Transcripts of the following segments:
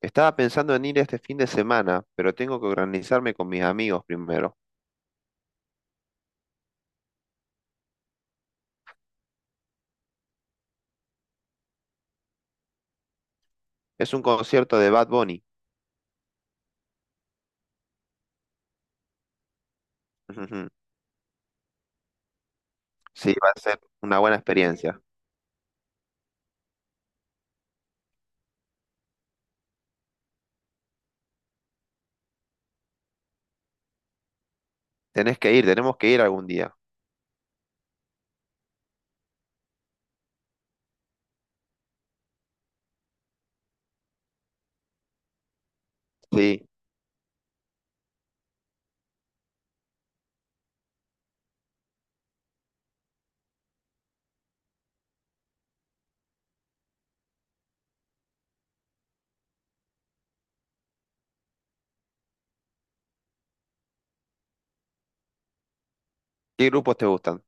Estaba pensando en ir este fin de semana, pero tengo que organizarme con mis amigos primero. Es un concierto de Bad Bunny. Sí, va a ser una buena experiencia. Tenés que ir, tenemos que ir algún día. Sí. ¿Qué grupos te gustan?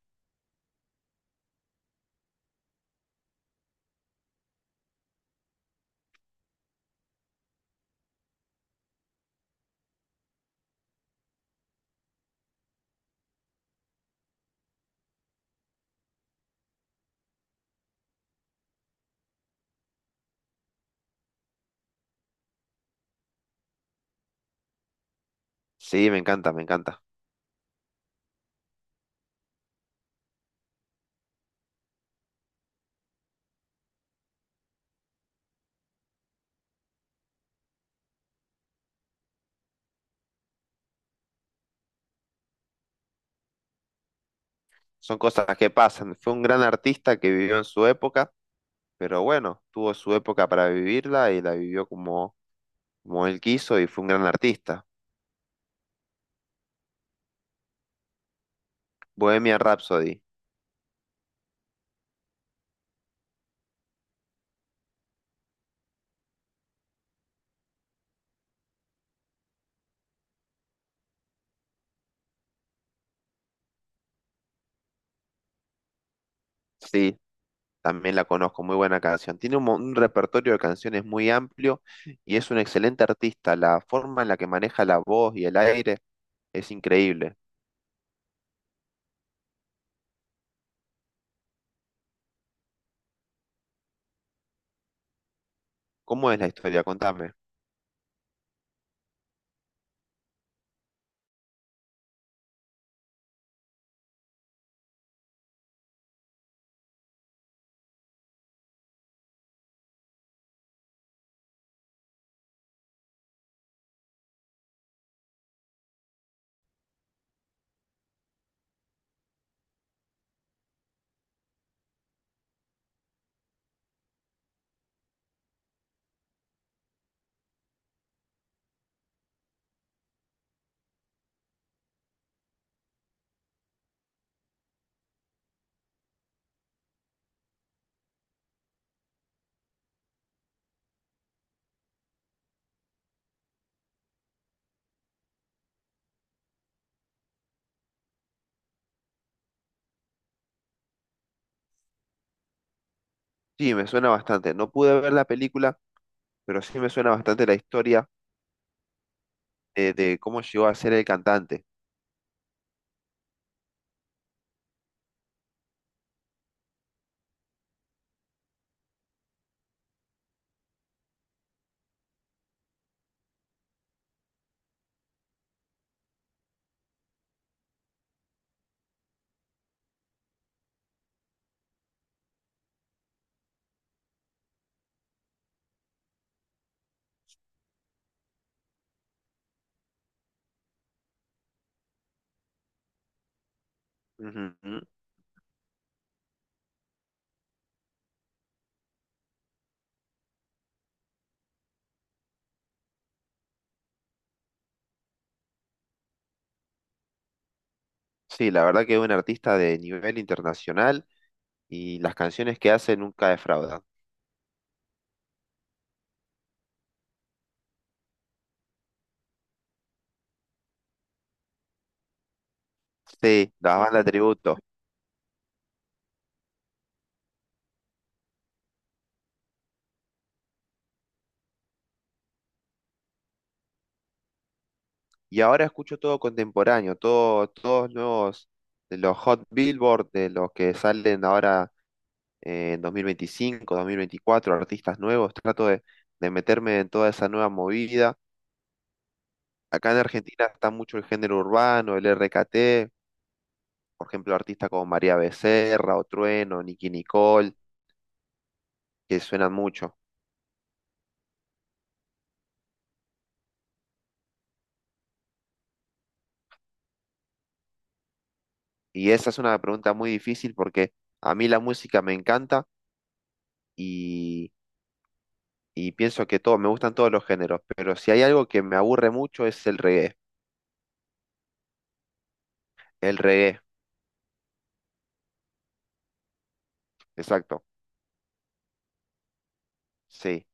Sí, me encanta, me encanta. Son cosas que pasan. Fue un gran artista que vivió en su época, pero bueno, tuvo su época para vivirla y la vivió como, como él quiso y fue un gran artista. Bohemian Rhapsody. Sí, también la conozco, muy buena canción. Tiene un repertorio de canciones muy amplio y es un excelente artista. La forma en la que maneja la voz y el aire es increíble. ¿Cómo es la historia? Contame. Sí, me suena bastante. No pude ver la película, pero sí me suena bastante la historia de cómo llegó a ser el cantante. Ujú, ujú. Sí, la verdad que es un artista de nivel internacional y las canciones que hace nunca defraudan. Sí, las bandas tributo. Y ahora escucho todo contemporáneo, todo, todos nuevos, de los Hot Billboard, de los que salen ahora en 2025, 2024 artistas nuevos. Trato de meterme en toda esa nueva movida. Acá en Argentina está mucho el género urbano, el RKT, por ejemplo, artistas como María Becerra, o Trueno, Nicki Nicole, que suenan mucho. Y esa es una pregunta muy difícil porque a mí la música me encanta y pienso que todo, me gustan todos los géneros, pero si hay algo que me aburre mucho es el reggae. El reggae, exacto, sí.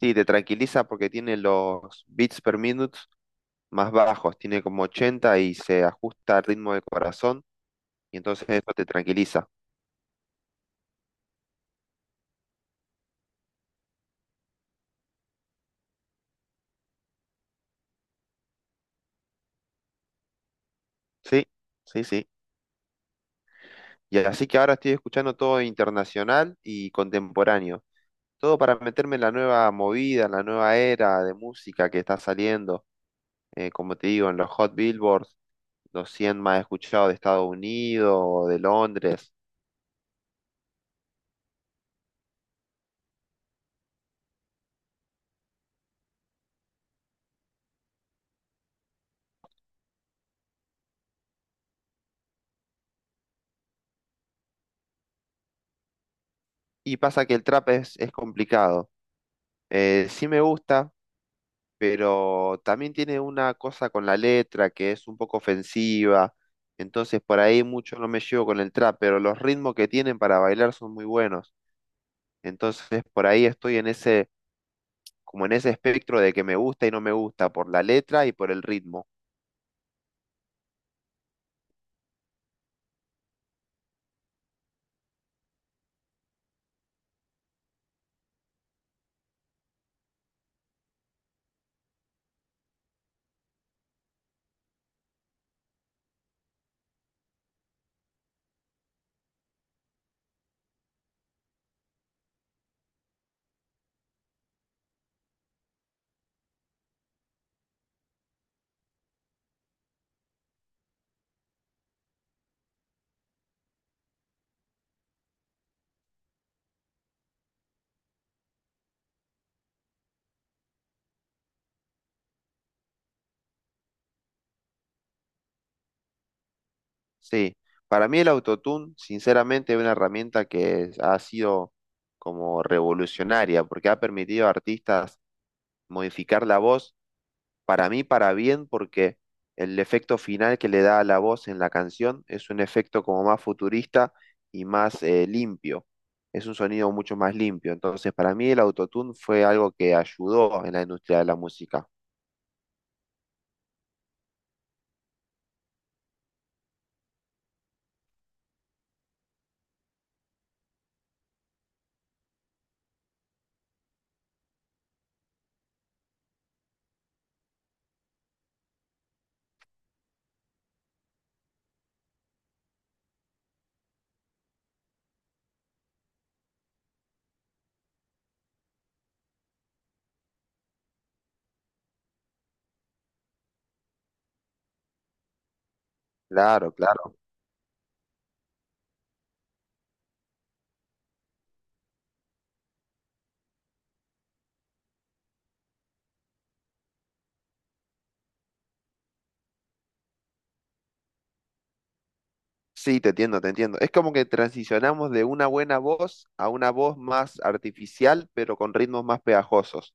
Sí, te tranquiliza porque tiene los beats per minute más bajos, tiene como 80 y se ajusta al ritmo del corazón, y entonces eso te tranquiliza. Sí, sí, sí. Y así que ahora estoy escuchando todo internacional y contemporáneo. Todo para meterme en la nueva movida, en la nueva era de música que está saliendo, como te digo, en los Hot Billboards los 100 más escuchados de Estados Unidos o de Londres. Y pasa que el trap es complicado. Sí me gusta, pero también tiene una cosa con la letra que es un poco ofensiva. Entonces por ahí mucho no me llevo con el trap, pero los ritmos que tienen para bailar son muy buenos. Entonces por ahí estoy en ese, como en ese espectro de que me gusta y no me gusta, por la letra y por el ritmo. Sí, para mí el autotune, sinceramente, es una herramienta que ha sido como revolucionaria, porque ha permitido a artistas modificar la voz, para mí, para bien, porque el efecto final que le da a la voz en la canción es un efecto como más futurista y más limpio. Es un sonido mucho más limpio. Entonces, para mí el autotune fue algo que ayudó en la industria de la música. Claro, claro. Sí, te entiendo, te entiendo. Es como que transicionamos de una buena voz a una voz más artificial, pero con ritmos más pegajosos.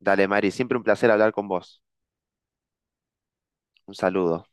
Dale, Mari, siempre un placer hablar con vos. Un saludo.